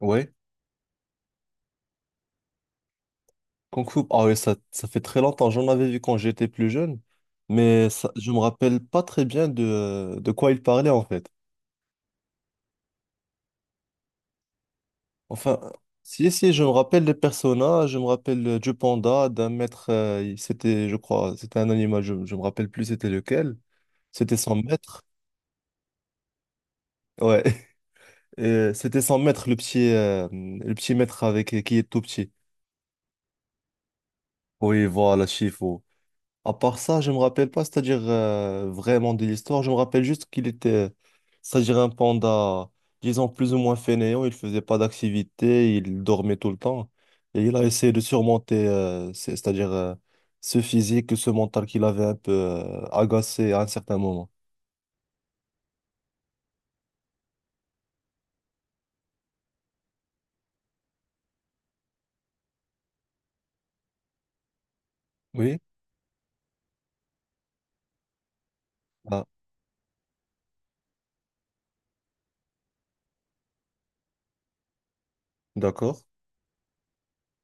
Ouais, Kung Fu. Ah ouais, ça fait très longtemps. J'en avais vu quand j'étais plus jeune, mais ça, je me rappelle pas très bien de quoi il parlait en fait. Enfin, si, je me rappelle des personnages, je me rappelle du panda, d'un maître, c'était, je crois, c'était un animal, je me rappelle plus c'était lequel. C'était son maître. Ouais, Et, c'était son maître, le petit maître avec qui est tout petit. Oui, voilà, Shifu. À part ça, je me rappelle pas, c'est-à-dire vraiment de l'histoire. Je me rappelle juste qu'il était, c'est-à-dire un panda, disons plus ou moins fainéant. Il faisait pas d'activité, il dormait tout le temps. Et il a essayé de surmonter, c'est-à-dire ce physique, ce mental qu'il avait un peu agacé à un certain moment. Oui, ah, d'accord.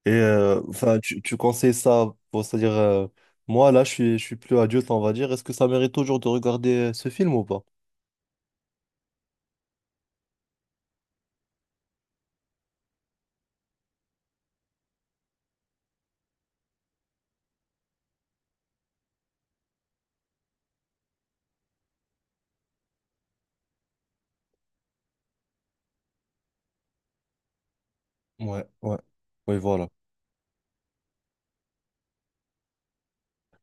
Et enfin, tu conseilles ça pour, c'est-à-dire moi là, je suis plus adulte, on va dire. Est-ce que ça mérite toujours de regarder ce film ou pas? Ouais, ouais. Oui, voilà.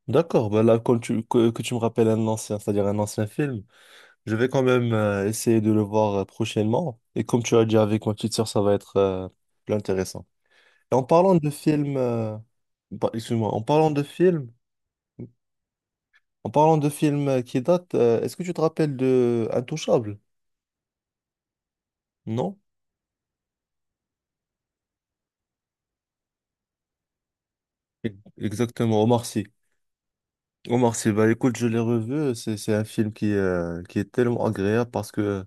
D'accord, ben là, que tu me rappelles un ancien, c'est-à-dire un ancien film, je vais quand même essayer de le voir prochainement. Et comme tu as dit avec ma petite sœur, ça va être plus intéressant. Et en parlant de films, bah, excuse-moi, en parlant de films, en parlant de films qui datent, est-ce que tu te rappelles de Intouchable? Non? E- Exactement, Omar Sy. Omar Sy, bah écoute, je l'ai revu, c'est un film qui est tellement agréable parce que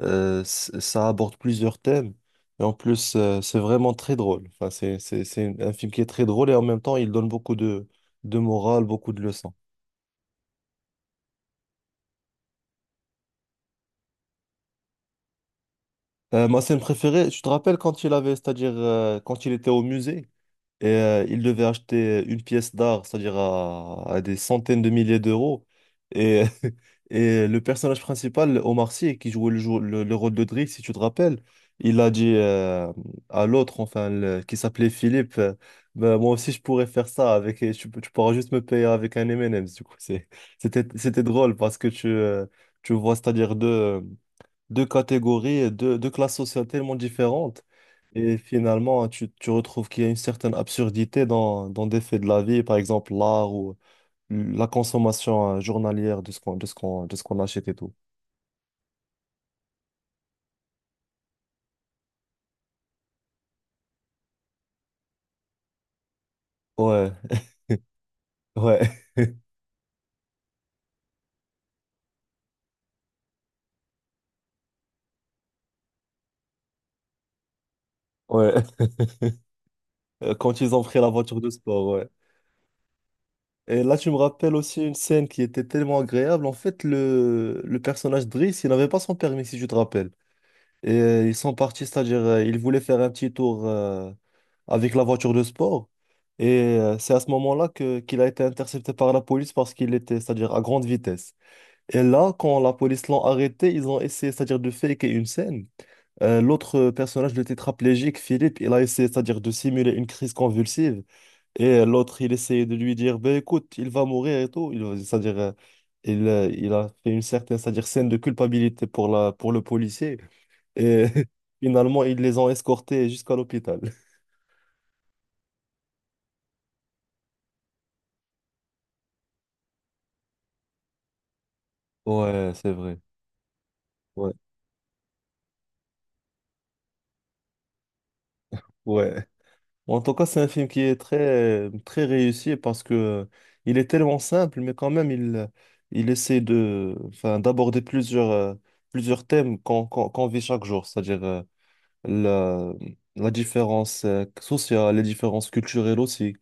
Ça aborde plusieurs thèmes. Et en plus, c'est vraiment très drôle. Enfin, c'est un film qui est très drôle et en même temps, il donne beaucoup de morale, beaucoup de leçons. Ma scène préférée, tu te rappelles quand il avait, c'est-à-dire quand il était au musée? Et il devait acheter une pièce d'art, c'est-à-dire à des centaines de milliers d'euros. Et et le personnage principal, Omar Sy, qui jouait le rôle de Drake, si tu te rappelles, il a dit à l'autre, enfin, qui s'appelait Philippe, Ben, moi aussi je pourrais faire ça, avec, tu pourras juste me payer avec un M&M's. Du coup, c'était, c'était drôle parce que tu vois, c'est-à-dire deux catégories, deux classes sociales tellement différentes. Et finalement, tu retrouves qu'il y a une certaine absurdité dans, dans des faits de la vie, par exemple l'art ou la consommation journalière de de ce qu'on achète et tout. Ouais, ouais, ouais. Quand ils ont pris la voiture de sport, ouais. Et là, tu me rappelles aussi une scène qui était tellement agréable. En fait, le personnage de Driss, il n'avait pas son permis, si je te rappelle. Et ils sont partis, c'est-à-dire ils voulaient faire un petit tour avec la voiture de sport. Et c'est à ce moment-là que qu'il a été intercepté par la police parce qu'il était, c'est-à-dire à grande vitesse. Et là, quand la police l'ont arrêté, ils ont essayé, c'est-à-dire de faker une scène. L'autre personnage, le tétraplégique, Philippe, il a essayé, c'est-à-dire de simuler une crise convulsive. Et l'autre, il essayait de lui dire, ben écoute, il va mourir et tout. Il a fait une certaine, c'est-à-dire scène de culpabilité pour pour le policier. Et finalement, ils les ont escortés jusqu'à l'hôpital. Ouais, c'est vrai. Ouais, ouais. En tout cas, c'est un film qui est très, très réussi parce que il est tellement simple, mais quand même, il essaie de, enfin, d'aborder plusieurs, plusieurs thèmes qu'on vit chaque jour, c'est-à-dire la, la différence sociale, les différences culturelles aussi,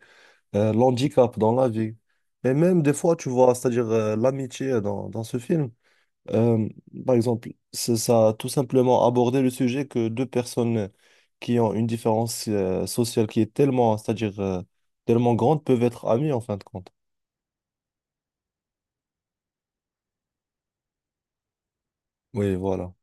l'handicap dans la vie. Et même des fois, tu vois, c'est-à-dire l'amitié dans, dans ce film. Euh, par exemple, ça tout simplement aborder le sujet que deux personnes qui ont une différence sociale qui est tellement, c'est-à-dire tellement grande, peuvent être amies en fin de compte. Oui, voilà.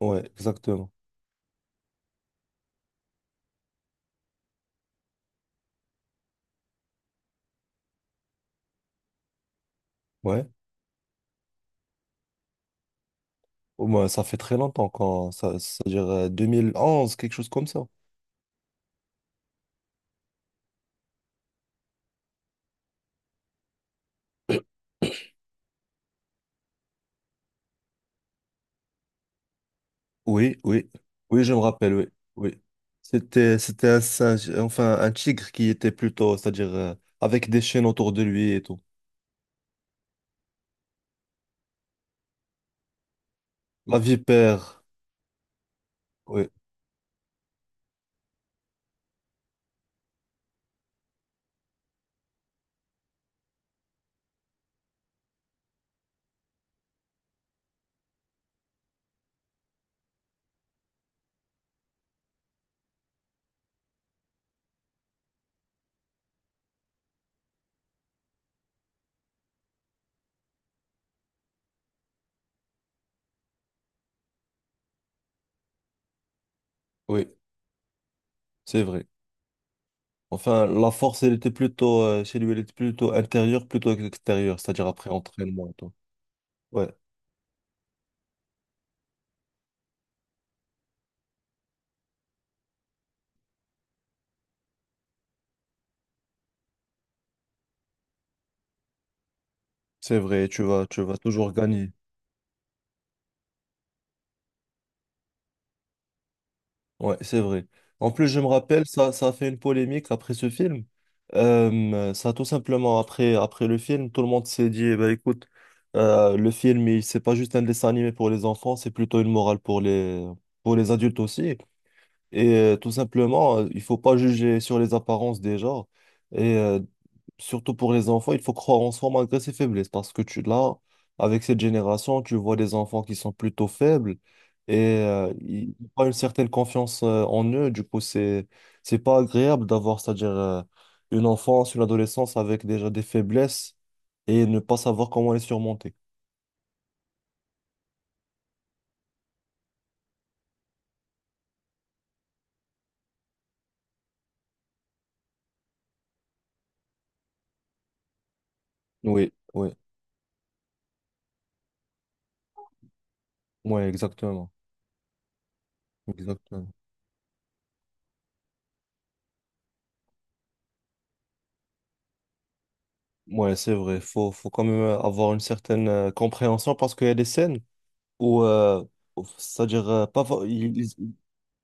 Ouais, exactement. Ouais. Au moins, ça fait très longtemps quand, ça, c'est-à-dire 2011, quelque chose comme ça. Oui, oui. Oui, je me rappelle, oui. Oui. C'était un singe, enfin, un tigre qui était plutôt, c'est-à-dire avec des chaînes autour de lui et tout. La vipère. Oui, oui, c'est vrai. Enfin, la force, elle était plutôt, chez lui, elle était plutôt intérieure, plutôt extérieure, c'est-à-dire après entraînement et tout. Ouais, c'est vrai, tu vas toujours gagner. Ouais, c'est vrai. En plus, je me rappelle, ça a fait une polémique après ce film. Ça, tout simplement, après le film, tout le monde s'est dit, eh ben, écoute, le film, c'est pas juste un dessin animé pour les enfants, c'est plutôt une morale pour les adultes aussi. Et tout simplement, il faut pas juger sur les apparences des gens. Et surtout pour les enfants, il faut croire en soi malgré ses faiblesses. Parce que là, avec cette génération, tu vois des enfants qui sont plutôt faibles et ils n'ont pas une certaine confiance en eux. Du coup, c'est pas agréable d'avoir, c'est-à-dire, une enfance, une adolescence avec déjà des faiblesses et ne pas savoir comment les surmonter. Oui, oui, ouais, exactement. Exactement. Ouais, c'est vrai. Faut quand même avoir une certaine compréhension parce qu'il y a des scènes où, c'est-à-dire, pas, fa- ils,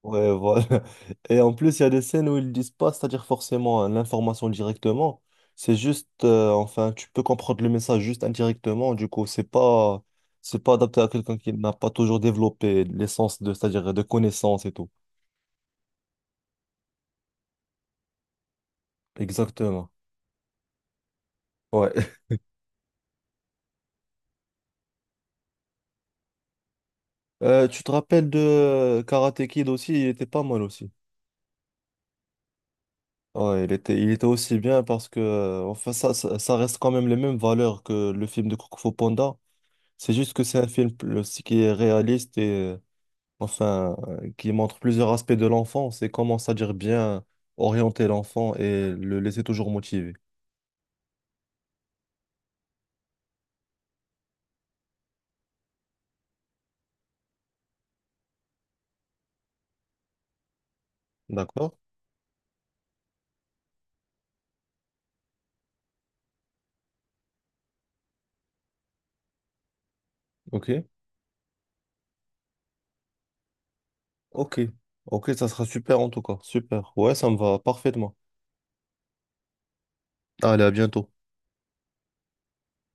Ouais, voilà. Et en plus, il y a des scènes où ils disent pas, c'est-à-dire forcément hein, l'information directement. C'est juste, enfin, tu peux comprendre le message juste indirectement. Du coup, c'est pas adapté à quelqu'un qui n'a pas toujours développé l'essence de, c'est-à-dire de connaissances et tout. Exactement. Ouais. Tu te rappelles de Karate Kid aussi, il était pas mal aussi. Ouais, il était aussi bien parce que, enfin, ça reste quand même les mêmes valeurs que le film de Kung Fu Panda. C'est juste que c'est un qui est réaliste et enfin, qui montre plusieurs aspects de l'enfant, c'est comment, c'est-à-dire bien orienter l'enfant et le laisser toujours motivé. D'accord? Ok? Ok. Ok, ça sera super en tout cas. Super. Ouais, ça me va parfaitement. Allez, à bientôt.